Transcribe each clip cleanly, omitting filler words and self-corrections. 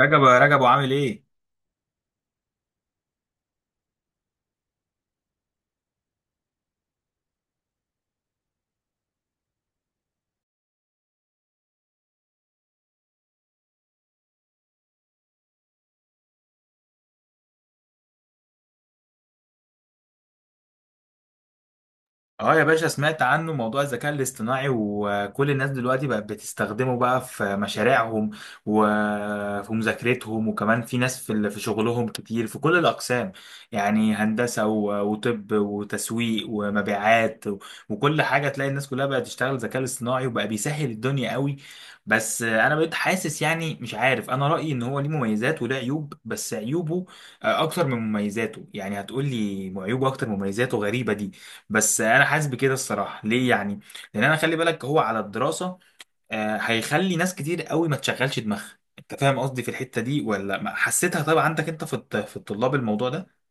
رجب يا رجب وعامل ايه؟ اه يا باشا، سمعت عنه موضوع الذكاء الاصطناعي وكل الناس دلوقتي بقت بتستخدمه بقى في مشاريعهم وفي مذاكرتهم، وكمان في ناس في شغلهم كتير في كل الأقسام، يعني هندسة وطب وتسويق ومبيعات وكل حاجة تلاقي الناس كلها بقت تشتغل ذكاء اصطناعي، وبقى بيسهل الدنيا قوي. بس انا بقيت حاسس، يعني مش عارف، انا رأيي ان هو ليه مميزات وله عيوب، بس عيوبه اكتر من مميزاته. يعني هتقول لي عيوبه اكتر من مميزاته؟ غريبة دي. بس انا حاسس بكده الصراحه، ليه يعني؟ لان انا، خلي بالك، هو على الدراسه هيخلي ناس كتير قوي ما تشغلش دماغها. انت فاهم قصدي في الحته دي ولا حسيتها طبعا عندك انت في الطلاب الموضوع ده؟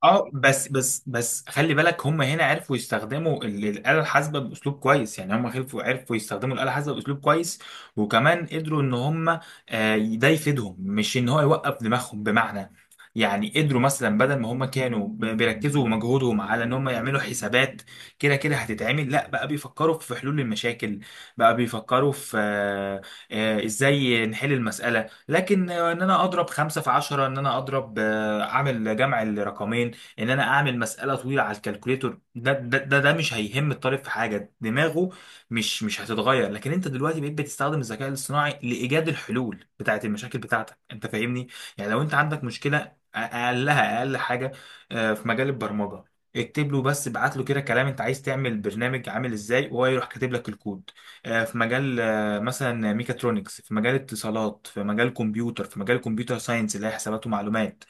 اه، بس خلي بالك، هم هنا عرفوا يستخدموا الآلة الحاسبة بأسلوب كويس. يعني هم عرفوا يستخدموا الآلة الحاسبة بأسلوب كويس، وكمان قدروا ان هم ده يفيدهم، مش ان هو يوقف دماغهم. بمعنى، يعني قدروا مثلا، بدل ما هم كانوا بيركزوا مجهودهم على ان هم يعملوا حسابات كده كده هتتعمل، لا، بقى بيفكروا في حلول المشاكل. بقى بيفكروا في ازاي نحل المسألة، لكن ان انا اضرب خمسة في 10، ان انا اضرب آه، اعمل جمع الرقمين، ان انا اعمل مساله طويله على الكالكوليتور، ده مش هيهم الطالب في حاجه. دماغه مش هتتغير. لكن انت دلوقتي بقيت بتستخدم الذكاء الاصطناعي لايجاد الحلول بتاعه المشاكل بتاعتك. انت فاهمني؟ يعني لو انت عندك مشكله اقلها، اقل حاجه في مجال البرمجه، اكتب له بس، ابعت له كده كلام انت عايز تعمل برنامج عامل ازاي، وهو يروح كاتب لك الكود. في مجال مثلا ميكاترونكس، في مجال اتصالات، في مجال كمبيوتر، في مجال كمبيوتر ساينس اللي هي حسابات ومعلومات،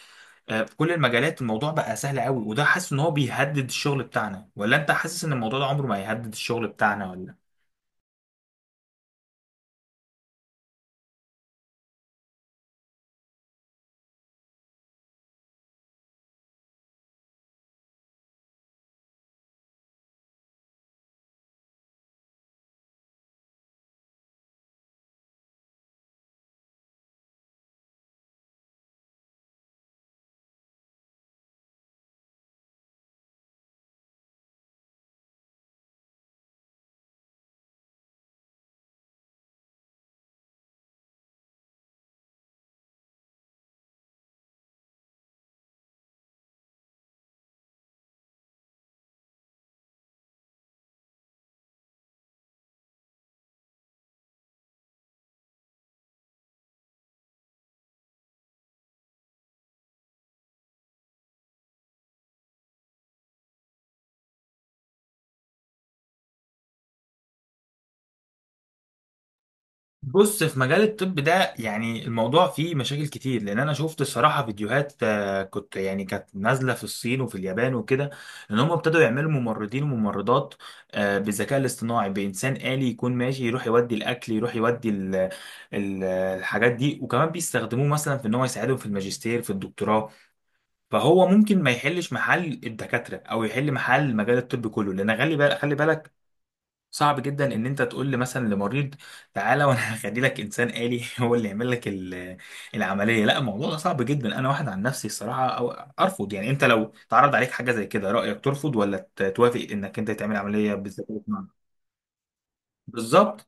في كل المجالات الموضوع بقى سهل قوي. وده، حاسس ان هو بيهدد الشغل بتاعنا، ولا انت حاسس ان الموضوع ده عمره ما هيهدد الشغل بتاعنا ولا؟ بص، في مجال الطب ده يعني الموضوع فيه مشاكل كتير، لان انا شفت الصراحه فيديوهات كنت، يعني كانت نازله في الصين وفي اليابان وكده، ان هم ابتدوا يعملوا ممرضين وممرضات بالذكاء الاصطناعي، بانسان آلي يكون ماشي يروح يودي الاكل، يروح يودي الحاجات دي. وكمان بيستخدموه مثلا في ان هو يساعدهم في الماجستير، في الدكتوراه. فهو ممكن ما يحلش محل الدكاتره، او يحل محل مجال الطب كله، لان خلي بالك خلي بالك، صعب جدا ان انت تقول لي مثلا لمريض تعالى وانا هخلي لك انسان آلي هو اللي يعمل لك العمليه. لا، الموضوع ده صعب جدا. انا واحد عن نفسي الصراحه أو ارفض. يعني انت لو تعرض عليك حاجه زي كده، رايك ترفض ولا توافق انك انت تعمل عمليه بالذكاء الاصطناعي؟ بالظبط.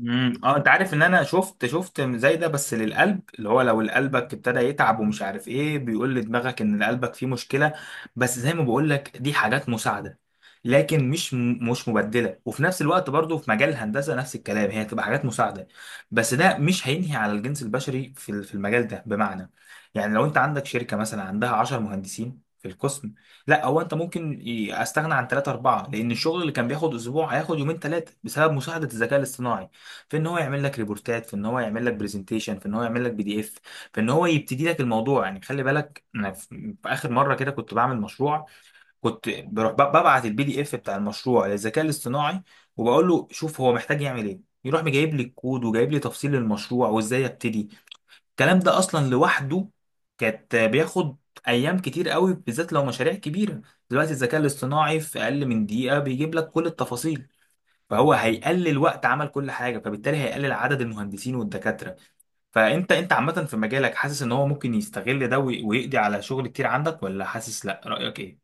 اه، انت عارف ان انا شفت زي ده، بس للقلب، اللي هو لو قلبك ابتدى يتعب ومش عارف ايه، بيقول لدماغك ان قلبك فيه مشكله. بس زي ما بقول لك، دي حاجات مساعده، لكن مش مبدله. وفي نفس الوقت برضو في مجال الهندسه نفس الكلام، هي تبقى حاجات مساعده، بس ده مش هينهي على الجنس البشري في المجال ده. بمعنى، يعني لو انت عندك شركه مثلا عندها 10 مهندسين في القسم، لا، هو انت ممكن استغنى عن ثلاثة أربعة، لأن الشغل اللي كان بياخد أسبوع هياخد يومين ثلاثة بسبب مساعدة الذكاء الاصطناعي في ان هو يعمل لك ريبورتات، في ان هو يعمل لك برزنتيشن، في ان هو يعمل لك PDF، في ان هو يبتدي لك الموضوع. يعني خلي بالك، انا في اخر مره كده كنت بعمل مشروع، كنت بروح ببعت البي دي اف بتاع المشروع للذكاء الاصطناعي، وبقول له شوف هو محتاج يعمل ايه، يروح مجايب لي الكود وجايب لي تفصيل المشروع وازاي ابتدي. الكلام ده اصلا لوحده كانت بياخد ايام كتير قوي، بالذات لو مشاريع كبيره. دلوقتي الذكاء الاصطناعي في اقل من دقيقه بيجيب لك كل التفاصيل، فهو هيقلل وقت عمل كل حاجه، فبالتالي هيقلل عدد المهندسين والدكاتره. فانت عامه في مجالك، حاسس ان هو ممكن يستغل ده ويقضي على شغل كتير عندك، ولا حاسس لا؟ رايك ايه؟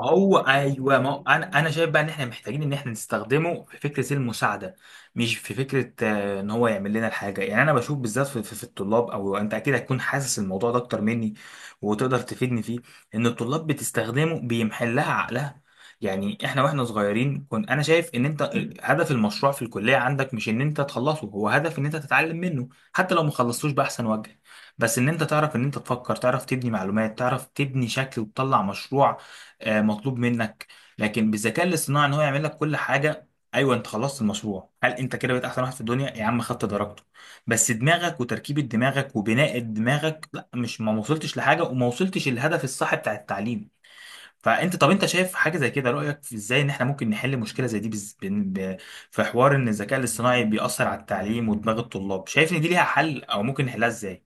هو ايوه، ما هو انا شايف بقى ان احنا محتاجين ان احنا نستخدمه في فكره المساعده، مش في فكره ان هو يعمل لنا الحاجه. يعني انا بشوف بالذات في الطلاب، او انت اكيد هتكون حاسس الموضوع ده اكتر مني وتقدر تفيدني فيه، ان الطلاب بتستخدمه بيمحل لها عقلها. يعني احنا واحنا صغيرين، كنت انا شايف ان انت هدف المشروع في الكليه عندك مش ان انت تخلصه، هو هدف ان انت تتعلم منه، حتى لو ما خلصتوش باحسن وجه، بس ان انت تعرف ان انت تفكر، تعرف تبني معلومات، تعرف تبني شكل وتطلع مشروع مطلوب منك. لكن بالذكاء الاصطناعي ان هو يعمل لك كل حاجه، ايوه انت خلصت المشروع، هل انت كده بقيت احسن واحد في الدنيا يا عم؟ خدت درجته بس، دماغك وتركيبه دماغك وبناء دماغك لا، مش، ما وصلتش لحاجه وما وصلتش الهدف الصح بتاع التعليم. فانت، طب انت شايف حاجه زي كده، رايك في ازاي ان احنا ممكن نحل مشكله زي دي، في حوار ان الذكاء الاصطناعي بيأثر على التعليم ودماغ الطلاب؟ شايف ان دي ليها حل، او ممكن نحلها ازاي؟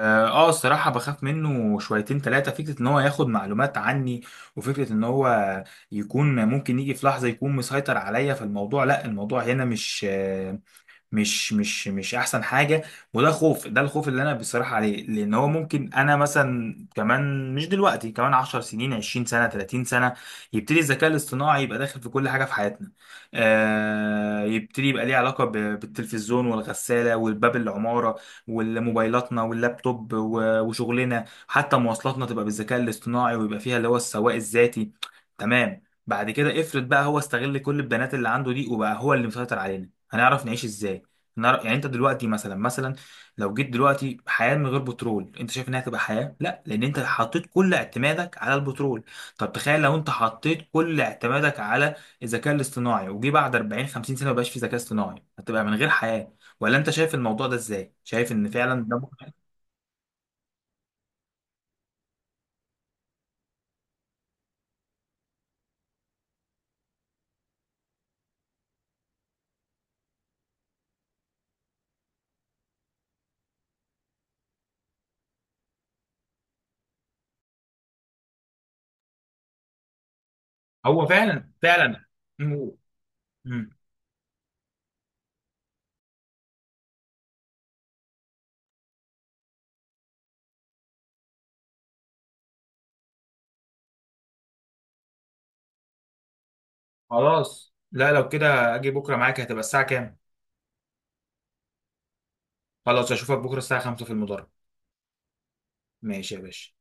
اه الصراحة بخاف منه شويتين تلاتة. فكرة ان هو ياخد معلومات عني، وفكرة ان هو يكون ممكن يجي في لحظة يكون مسيطر عليا، فالموضوع لا، الموضوع هنا مش احسن حاجه. وده خوف، ده الخوف اللي انا بصراحه عليه، لان هو ممكن انا مثلا كمان مش دلوقتي، كمان 10 سنين، 20 سنه، 30 سنه، يبتدي الذكاء الاصطناعي يبقى داخل في كل حاجه في حياتنا. يبتدي يبقى ليه علاقه بالتلفزيون والغساله والباب العماره والموبايلاتنا واللابتوب وشغلنا، حتى مواصلاتنا تبقى بالذكاء الاصطناعي، ويبقى فيها اللي هو السواق الذاتي. تمام، بعد كده افرض بقى هو استغل كل البيانات اللي عنده دي، وبقى هو اللي مسيطر علينا، هنعرف نعيش ازاي؟ يعني انت دلوقتي مثلا لو جيت دلوقتي حياه من غير بترول، انت شايف انها تبقى حياه؟ لا، لان انت حطيت كل اعتمادك على البترول. طب تخيل لو انت حطيت كل اعتمادك على الذكاء الاصطناعي، وجي بعد 40 50 سنه مبقاش في ذكاء اصطناعي، هتبقى من غير حياه. ولا انت شايف الموضوع ده ازاي؟ شايف ان فعلا ده ممكن؟ هو فعلا، فعلا. مم. مم. خلاص، لا لو كده اجي بكره معاك. هتبقى الساعه كام؟ خلاص، اشوفك بكره الساعه 5 في المدرج. ماشي يا باشا.